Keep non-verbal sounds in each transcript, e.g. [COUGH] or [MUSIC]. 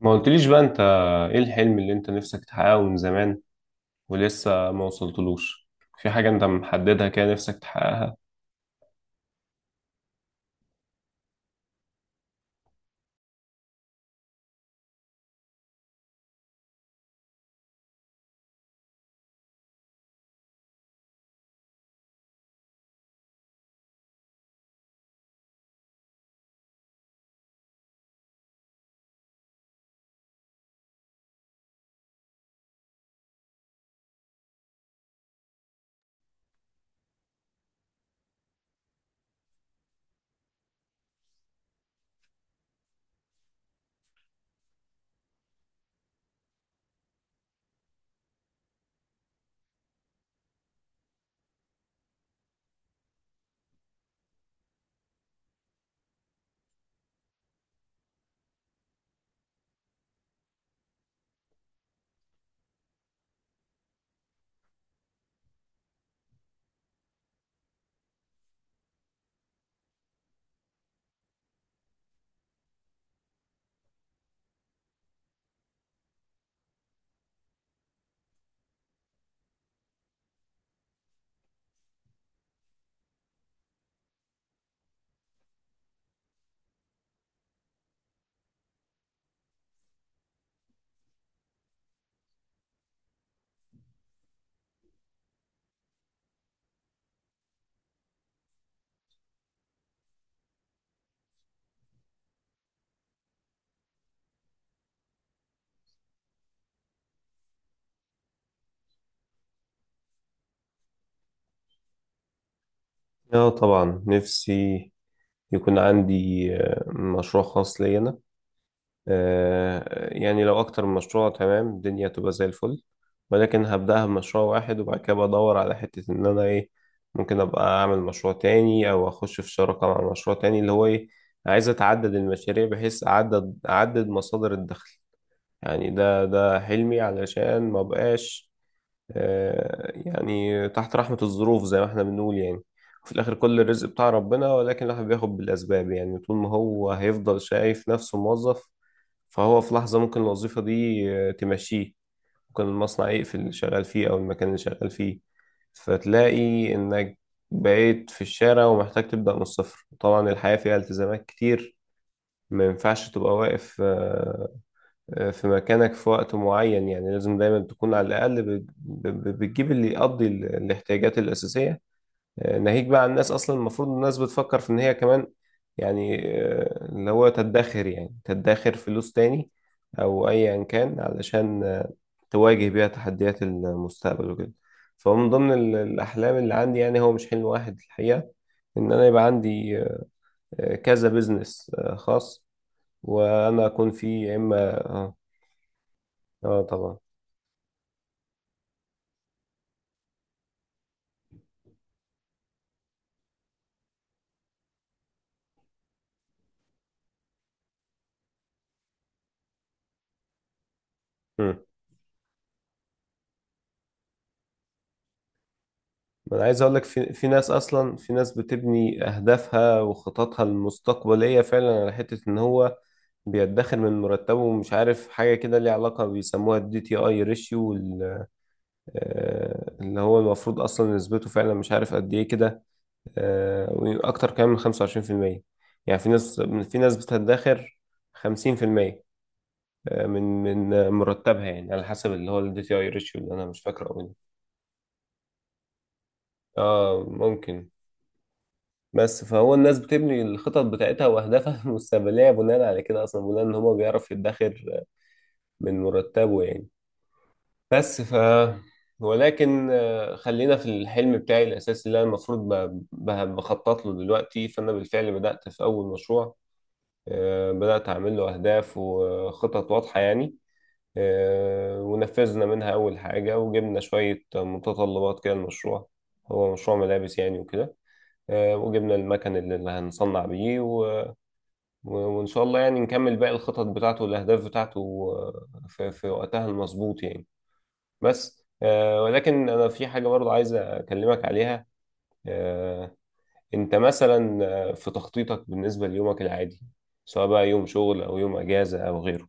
ما قلتليش بقى انت، ايه الحلم اللي انت نفسك تحققه من زمان ولسه ما وصلتلوش؟ في حاجة انت محددها كده نفسك تحققها؟ اه طبعا، نفسي يكون عندي مشروع خاص لي انا. يعني لو اكتر من مشروع تمام الدنيا تبقى زي الفل، ولكن هبدأها بمشروع واحد، وبعد كده بدور على حتة ان انا ايه، ممكن ابقى اعمل مشروع تاني او اخش في شراكة مع مشروع تاني اللي هو ايه، عايز اتعدد المشاريع بحيث اعدد مصادر الدخل. يعني ده حلمي علشان ما بقاش يعني تحت رحمة الظروف زي ما احنا بنقول يعني. وفي الآخر كل الرزق بتاع ربنا، ولكن الواحد بياخد بالأسباب يعني، طول ما هو هيفضل شايف نفسه موظف، فهو في لحظة ممكن الوظيفة دي تمشيه. ممكن المصنع يقفل اللي شغال فيه أو المكان اللي شغال فيه، فتلاقي إنك بقيت في الشارع ومحتاج تبدأ من الصفر. طبعا الحياة فيها التزامات كتير، ما ينفعش تبقى واقف في مكانك في وقت معين، يعني لازم دايما تكون على الأقل بتجيب اللي يقضي الاحتياجات الأساسية. ناهيك بقى عن الناس، أصلا المفروض الناس بتفكر في إن هي كمان يعني اللي هو تدخر، يعني تدخر فلوس تاني، أو أيا كان علشان تواجه بيها تحديات المستقبل وكده. فهو من ضمن الأحلام اللي عندي، يعني هو مش حلم واحد الحقيقة، إن أنا يبقى عندي كذا بيزنس خاص، وأنا أكون فيه يا إما. آه، آه، طبعا. مم. انا عايز اقول لك، في ناس، اصلا في ناس بتبني اهدافها وخططها المستقبليه فعلا على حته ان هو بيدخر من مرتبه، ومش عارف حاجه كده ليها علاقه بيسموها الدي تي اي ريشيو، اللي هو المفروض اصلا نسبته فعلا مش عارف قد ايه كده، واكتر كمان من 25%. يعني في ناس، في ناس بتدخر 50% من مرتبها، يعني على حسب اللي هو الدي تي اي ريشيو اللي انا مش فاكره قوي. اه، ممكن. بس فهو الناس بتبني الخطط بتاعتها واهدافها [LAUGHS] المستقبليه بناء على كده، اصلا بناء ان هو بيعرف يدخر من مرتبه يعني. بس ولكن خلينا في الحلم بتاعي الاساسي اللي انا المفروض بخطط له دلوقتي. فانا بالفعل بدات في اول مشروع، بدات اعمل له اهداف وخطط واضحه يعني. ونفذنا منها اول حاجه، وجبنا شويه متطلبات كده. المشروع هو مشروع ملابس يعني وكده. وجبنا المكن اللي هنصنع بيه، وإن شاء الله يعني نكمل باقي الخطط بتاعته والأهداف بتاعته في وقتها المظبوط يعني. بس، ولكن أنا في حاجة برضه عايز أكلمك عليها. آه، أنت مثلا في تخطيطك بالنسبة ليومك العادي، سواء بقى يوم شغل أو يوم أجازة أو غيره،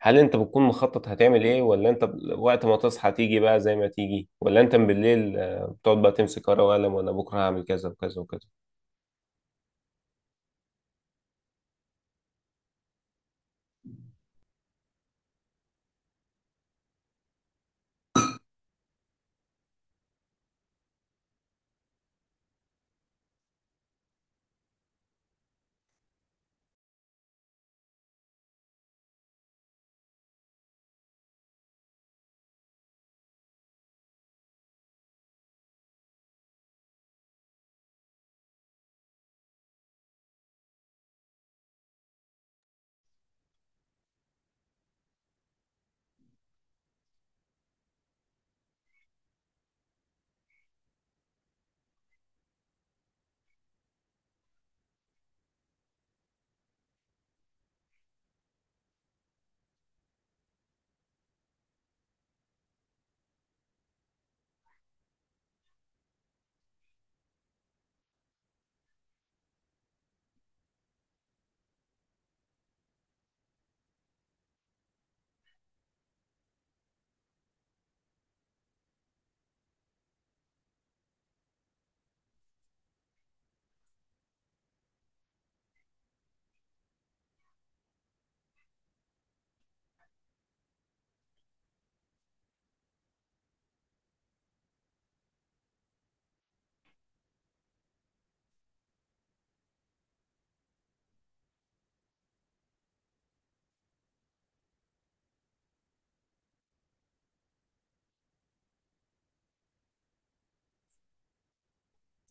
هل أنت بتكون مخطط هتعمل إيه، ولا أنت وقت ما تصحى تيجي بقى زي ما تيجي، ولا أنت من بالليل بتقعد بقى تمسك ورقة وقلم وأنا بكرة هعمل كذا وكذا وكذا؟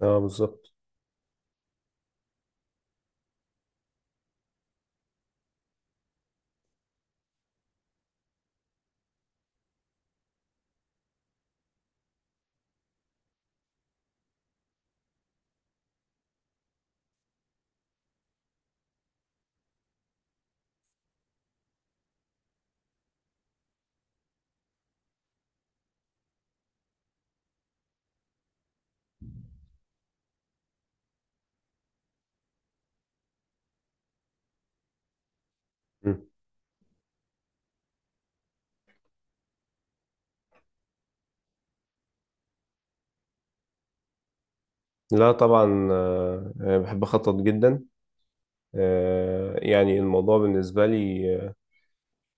اه، بالظبط. مم. لا طبعا، بحب اخطط جدا. يعني الموضوع بالنسبة لي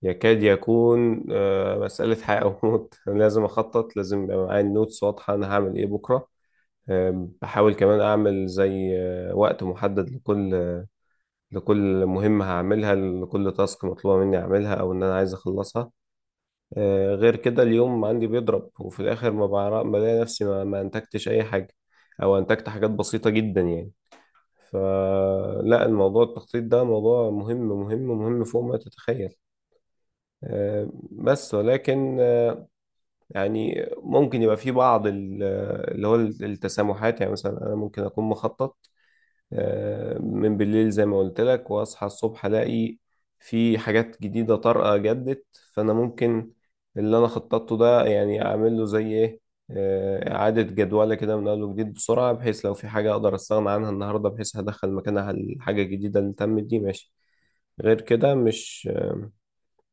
يكاد يكون مسألة حياة أو موت. [LAUGHS] أنا لازم أخطط، لازم يبقى معايا النوتس واضحة أنا هعمل إيه بكرة. بحاول كمان أعمل زي وقت محدد لكل مهمة هعملها، لكل تاسك مطلوبة مني أعملها أو إن أنا عايز أخلصها. غير كده اليوم عندي بيضرب، وفي الآخر ما بعرف، بلاقي نفسي ما أنتجتش أي حاجة، أو أنتجت حاجات بسيطة جدا يعني. فلا، الموضوع التخطيط ده موضوع مهم مهم مهم فوق ما تتخيل. بس ولكن يعني ممكن يبقى في بعض اللي هو التسامحات، يعني مثلا انا ممكن اكون مخطط من بالليل زي ما قلت لك، واصحى الصبح الاقي في حاجات جديدة طارئة جدت. فانا ممكن اللي انا خططته ده يعني اعمل له زي ايه، اعادة جدولة كده من اول وجديد بسرعة، بحيث لو في حاجة اقدر استغنى عنها النهاردة، بحيث هدخل مكانها الحاجة الجديدة اللي تمت دي، ماشي. غير كده مش،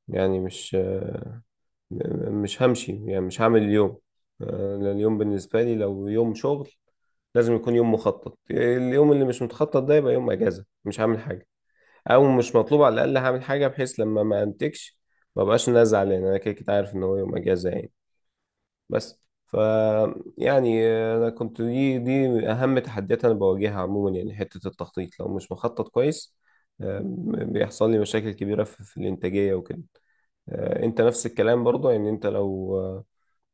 يعني مش، مش همشي، يعني مش هعمل اليوم، لأن اليوم بالنسبة لي لو يوم شغل لازم يكون يوم مخطط. اليوم اللي مش متخطط ده يبقى يوم اجازه، مش هعمل حاجه او مش مطلوب، على الاقل هعمل حاجه بحيث لما ما انتجش ما بقاش انا زعلان، انا كده كده عارف ان هو يوم اجازه يعني. بس يعني، انا كنت دي اهم تحديات انا بواجهها عموما يعني، حته التخطيط لو مش مخطط كويس بيحصل لي مشاكل كبيره في الانتاجيه وكده. انت نفس الكلام برضه يعني، انت لو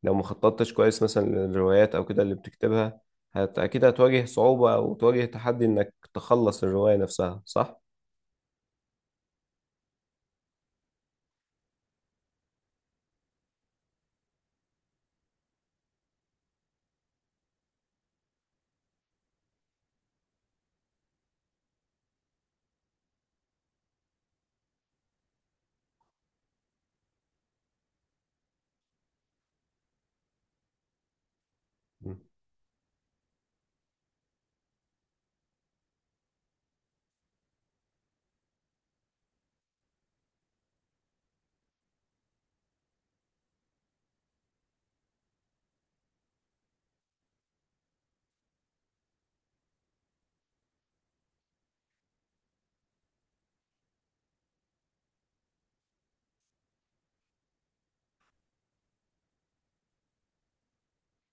لو ما خططتش كويس مثلا للروايات او كده اللي بتكتبها، اكيد هتواجه صعوبة او تواجه تحدي انك تخلص الرواية نفسها، صح؟ مم.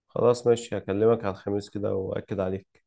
خلاص ماشي، هكلمك على الخميس كده واكد عليك.